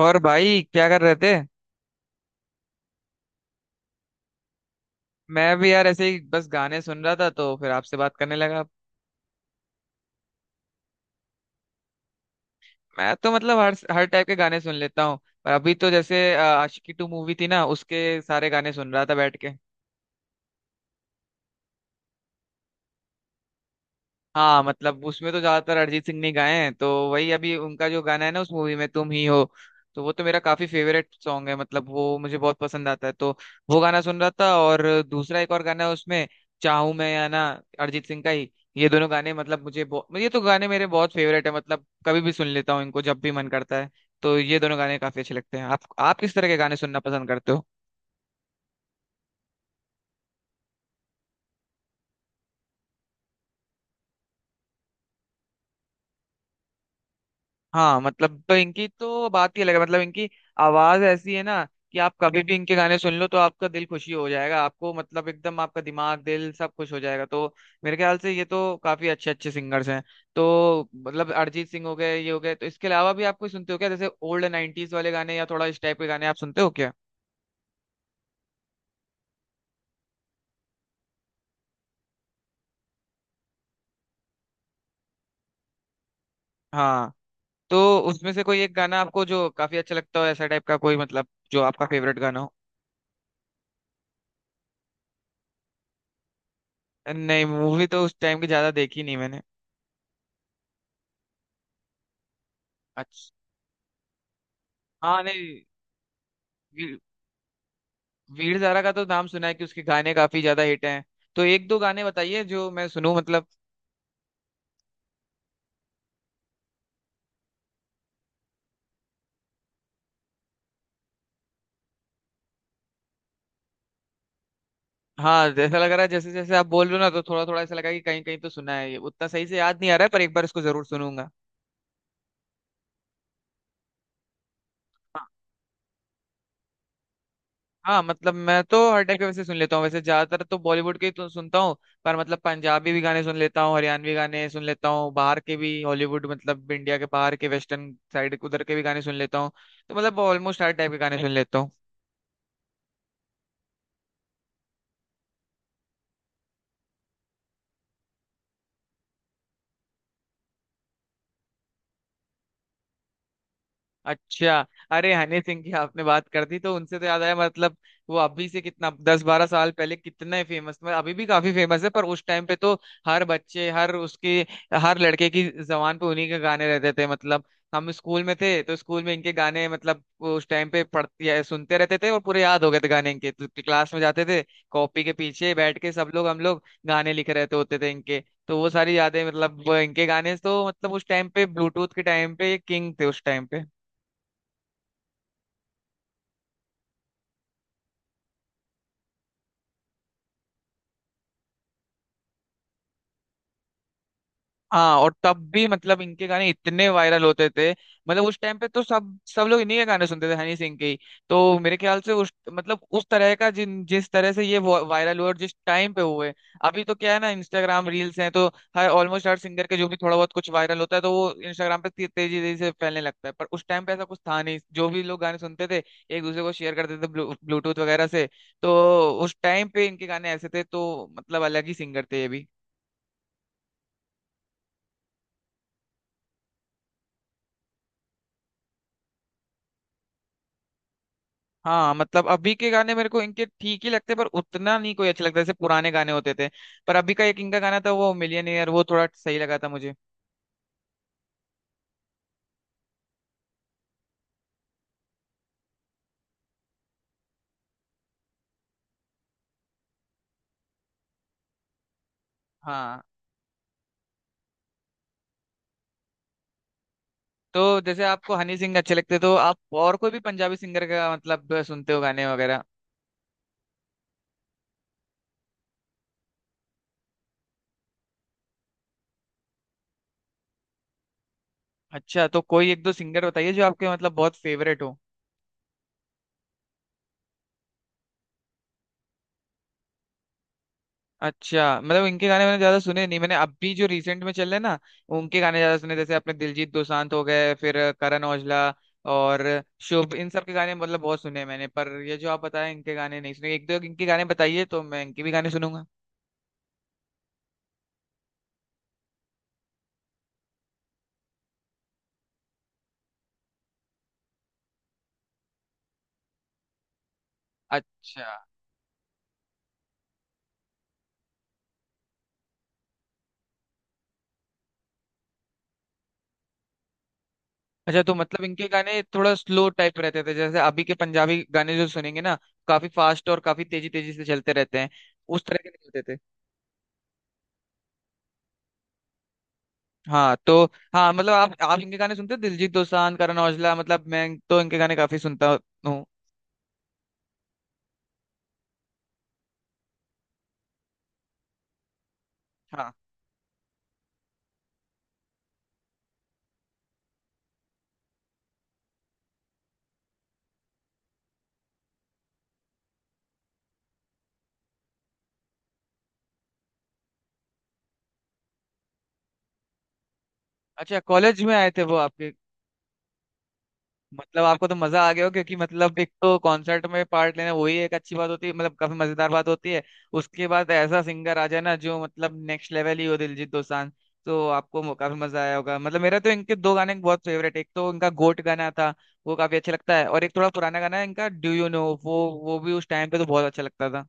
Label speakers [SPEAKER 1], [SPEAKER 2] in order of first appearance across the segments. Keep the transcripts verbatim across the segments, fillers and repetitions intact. [SPEAKER 1] और भाई क्या कर रहे थे? मैं भी यार ऐसे ही बस गाने सुन रहा था तो फिर आपसे बात करने लगा। मैं तो मतलब हर हर टाइप के गाने सुन लेता हूँ। पर अभी तो जैसे अ, आशिकी टू मूवी थी ना, उसके सारे गाने सुन रहा था बैठ के। हाँ, मतलब उसमें तो ज्यादातर अरिजीत सिंह ने गाए हैं तो वही अभी उनका जो गाना है ना उस मूवी में, तुम ही हो, तो वो तो मेरा काफी फेवरेट सॉन्ग है, मतलब वो मुझे बहुत पसंद आता है तो वो गाना सुन रहा था। और दूसरा एक और गाना है उसमें, चाहूं मैं या ना, अरिजीत सिंह का ही। ये दोनों गाने मतलब मुझे बहु- ये तो गाने मेरे बहुत फेवरेट है, मतलब कभी भी सुन लेता हूँ इनको जब भी मन करता है। तो ये दोनों गाने काफी अच्छे लगते हैं। आप आप किस तरह के गाने सुनना पसंद करते हो? हाँ, मतलब तो इनकी तो बात ही अलग है, मतलब इनकी आवाज ऐसी है ना कि आप कभी भी इनके गाने सुन लो तो आपका दिल खुशी हो जाएगा। आपको मतलब एकदम आपका दिमाग दिल सब खुश हो जाएगा। तो मेरे ख्याल से ये तो काफी अच्छे अच्छे सिंगर्स हैं। तो मतलब अरिजीत सिंह हो गए, ये हो गए, तो इसके अलावा भी आप कोई सुनते हो क्या? जैसे ओल्ड नाइन्टीज वाले गाने या थोड़ा इस टाइप के गाने आप सुनते हो क्या? हाँ। तो उसमें से कोई एक गाना आपको जो काफी अच्छा लगता हो, ऐसा टाइप का कोई, मतलब जो आपका फेवरेट गाना हो। नहीं, मूवी तो उस टाइम की ज्यादा देखी नहीं मैंने। अच्छा। हाँ, नहीं, वीर ज़ारा का तो नाम सुना है कि उसके गाने काफी ज्यादा हिट हैं। तो एक दो गाने बताइए जो मैं सुनूं, मतलब। हाँ, जैसा लग रहा है जैसे जैसे आप बोल रहे हो ना तो थोड़ा थोड़ा ऐसा लगा कि कहीं कहीं तो सुना है, ये उतना सही से याद नहीं आ रहा है, पर एक बार इसको जरूर सुनूंगा। हाँ। हाँ, मतलब मैं तो हर टाइप के वैसे सुन लेता हूँ, वैसे ज्यादातर तो बॉलीवुड के ही तो सुनता हूँ। पर मतलब पंजाबी भी गाने सुन लेता हूँ, हरियाणवी गाने सुन लेता हूँ, बाहर के भी हॉलीवुड मतलब इंडिया के बाहर के वेस्टर्न साइड उधर के भी गाने सुन लेता हूँ। तो मतलब ऑलमोस्ट हर टाइप के गाने सुन लेता हूँ। अच्छा। अरे, हनी सिंह की आपने बात कर दी तो उनसे तो याद आया मतलब। वो अभी से कितना दस बारह साल पहले कितने फेमस, मतलब अभी भी काफी फेमस है, पर उस टाइम पे तो हर बच्चे, हर उसके, हर लड़के की जबान पे उन्हीं के गाने रहते थे। मतलब हम स्कूल में थे तो स्कूल में इनके गाने मतलब उस टाइम पे पढ़ते या सुनते रहते थे और पूरे याद हो गए थे गाने इनके। तो क्लास में जाते थे, कॉपी के पीछे बैठ के सब लोग, हम लोग गाने लिख रहते होते थे इनके। तो वो सारी यादें मतलब वो इनके गाने तो मतलब उस टाइम पे ब्लूटूथ के टाइम पे किंग थे उस टाइम पे। हाँ, और तब भी मतलब इनके गाने इतने वायरल होते थे। मतलब उस टाइम पे तो सब सब लोग इन्हीं के गाने सुनते थे, हनी सिंह के ही। तो मेरे ख्याल से उस मतलब उस तरह का जिन जिस तरह से ये वा- वायरल हुए और जिस टाइम पे हुए। अभी तो क्या है ना, इंस्टाग्राम रील्स हैं तो हर ऑलमोस्ट हर सिंगर के जो भी थोड़ा बहुत कुछ वायरल होता है तो वो इंस्टाग्राम पे ते- तेजी तेजी से फैलने लगता है। पर उस टाइम पे ऐसा कुछ था नहीं। जो भी लोग गाने सुनते थे एक दूसरे को शेयर करते थे ब्लू, ब्लूटूथ वगैरह से। तो उस टाइम पे इनके गाने ऐसे थे तो मतलब अलग ही सिंगर थे ये भी। हाँ, मतलब अभी के गाने मेरे को इनके ठीक ही लगते पर उतना नहीं कोई अच्छे लगता जैसे पुराने गाने होते थे। पर अभी का एक इनका गाना था वो मिलियनेयर वो थोड़ा सही लगा था मुझे। हाँ। तो जैसे आपको हनी सिंह अच्छे लगते तो आप और कोई भी पंजाबी सिंगर का मतलब सुनते हो गाने वगैरह? अच्छा, तो कोई एक दो सिंगर बताइए जो आपके मतलब बहुत फेवरेट हो। अच्छा, मतलब इनके गाने मैंने ज्यादा सुने नहीं। मैंने अभी जो रिसेंट में चल रहे हैं ना उनके गाने ज्यादा सुने, जैसे अपने दिलजीत दोसांझ हो गए, फिर करण औजला और शुभ, इन सब के गाने मतलब बहुत सुने हैं मैंने। पर ये जो आप बताए इनके गाने नहीं सुने, एक दो इनके गाने बताइए तो मैं इनके भी गाने सुनूंगा। अच्छा। अच्छा, तो मतलब इनके गाने थोड़ा स्लो टाइप रहते थे जैसे अभी के पंजाबी गाने जो सुनेंगे ना, काफी फास्ट और काफी तेजी तेजी से चलते रहते हैं। उस तरह के नहीं होते थे। हाँ। तो हाँ मतलब आप आप इनके गाने सुनते हो, दिलजीत दोसांझ, करण औजला, मतलब मैं तो इनके गाने काफी सुनता हूँ। हाँ। अच्छा, कॉलेज में आए थे वो आपके? मतलब आपको तो मजा आ गया हो क्योंकि मतलब एक तो कॉन्सर्ट में पार्ट लेना वही एक अच्छी बात होती है, मतलब काफी मजेदार बात होती है। उसके बाद ऐसा सिंगर आ जाए ना जो मतलब नेक्स्ट लेवल ही हो, दिलजीत दोसांझ, तो आपको मो- काफी मजा आया होगा। मतलब मेरा तो इनके दो गाने बहुत फेवरेट, एक तो इनका गोट गाना था वो काफी अच्छा लगता है, और एक थोड़ा पुराना गाना है इनका डू यू नो वो वो भी उस टाइम पे तो बहुत अच्छा लगता था।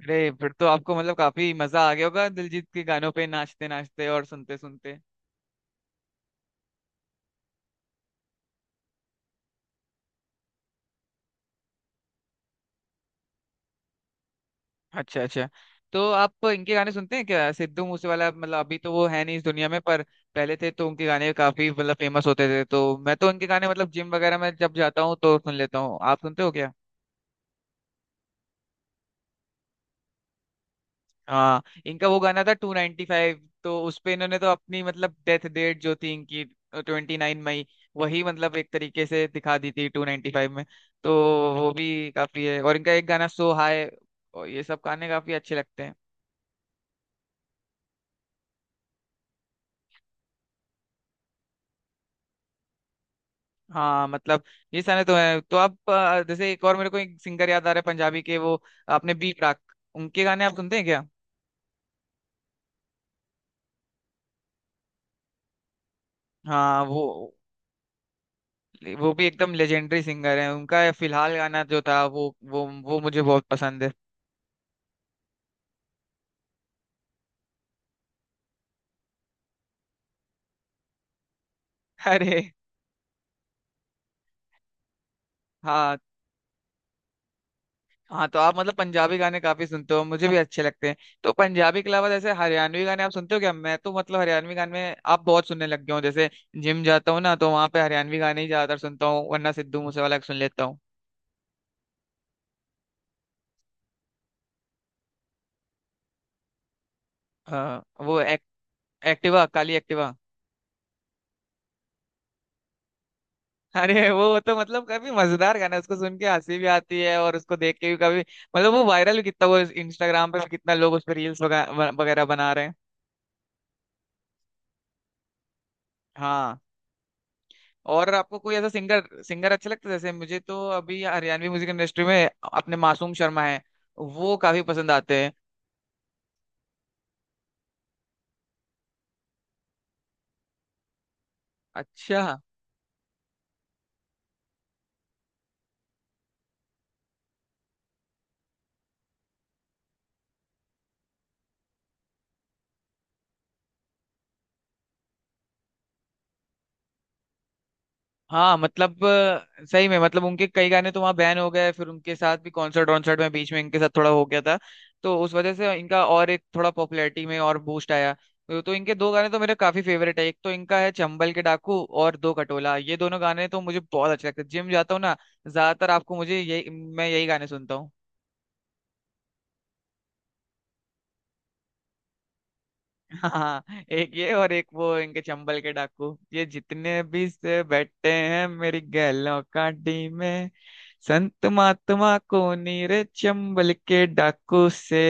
[SPEAKER 1] अरे, फिर तो आपको मतलब काफी मजा आ गया होगा दिलजीत के गानों पे नाचते नाचते और सुनते सुनते। अच्छा अच्छा, तो आप इनके गाने सुनते हैं क्या, सिद्धू मूसेवाला? मतलब अभी तो वो है नहीं इस दुनिया में, पर पहले थे तो उनके गाने काफी मतलब फेमस होते थे। तो मैं तो उनके गाने मतलब जिम वगैरह में जब जाता हूँ तो सुन लेता हूँ, आप सुनते हो क्या? हाँ। इनका वो गाना था टू नाइनटी फाइव, तो उस पे इन्होंने तो अपनी मतलब डेथ डेट जो थी इनकी, ट्वेंटी नाइन मई, वही मतलब एक तरीके से दिखा दी थी टू नाइनटी फाइव में। तो वो भी काफी है, और इनका एक गाना सो हाय, और ये सब गाने काफी अच्छे लगते हैं। हाँ, मतलब ये सारे तो है। तो आप अ, जैसे एक और मेरे को एक सिंगर याद आ रहा है पंजाबी के, वो आपने, बी प्राक, उनके गाने आप सुनते हैं क्या? हाँ, वो वो भी एकदम लेजेंडरी सिंगर है। उनका फिलहाल गाना जो था वो वो वो मुझे बहुत पसंद है। अरे। हाँ, हाँ, तो आप मतलब पंजाबी गाने काफी सुनते हो, मुझे भी अच्छे लगते हैं। तो पंजाबी के अलावा जैसे हरियाणवी गाने आप सुनते हो क्या? मैं तो मतलब हरियाणवी गाने आप बहुत सुनने लग गए हो जैसे। जिम जाता हूँ ना तो वहां पे हरियाणवी गाने ही ज्यादातर सुनता हूँ, वरना सिद्धू मूसेवाला के सुन लेता हूँ। अ, वो एक, एक्टिवा, काली एक्टिवा। अरे, वो तो मतलब काफी मजेदार गाना है, उसको सुन के हंसी भी आती है और उसको देख के भी काफी मतलब वो वायरल भी कितना, वो इंस्टाग्राम पे भी कितना लोग उस पर रील्स वगैरह बना रहे हैं। हाँ, और आपको कोई ऐसा सिंगर सिंगर अच्छा लगता है जैसे मुझे तो अभी हरियाणवी म्यूजिक इंडस्ट्री में अपने मासूम शर्मा है, वो काफी पसंद आते हैं। अच्छा। हाँ मतलब अ, सही में मतलब उनके कई गाने तो वहाँ बैन हो गए, फिर उनके साथ भी कॉन्सर्ट वॉन्सर्ट में बीच में इनके साथ थोड़ा हो गया था। तो उस वजह से इनका और एक थोड़ा पॉपुलैरिटी में और बूस्ट आया। तो तो इनके दो गाने तो मेरे काफी फेवरेट है। एक तो इनका है चंबल के डाकू, और दो कटोला, ये दोनों गाने तो मुझे बहुत अच्छे लगते हैं। जिम जाता हूँ ना, ज्यादातर आपको मुझे यही मैं यही गाने सुनता हूँ। हाँ। एक ये और एक वो इनके चंबल के डाकू, ये जितने भी से बैठे हैं मेरी गैलों काटी में, संत महात्मा को नीरे चंबल के डाकू से,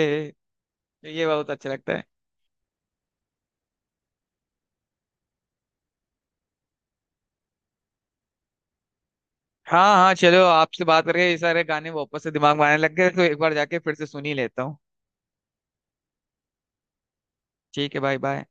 [SPEAKER 1] तो ये बहुत अच्छा लगता है। हाँ हाँ, चलो आपसे बात करके ये सारे गाने वापस से दिमाग में आने लग गए, तो एक बार जाके फिर से सुन ही लेता हूँ। ठीक है, बाय बाय।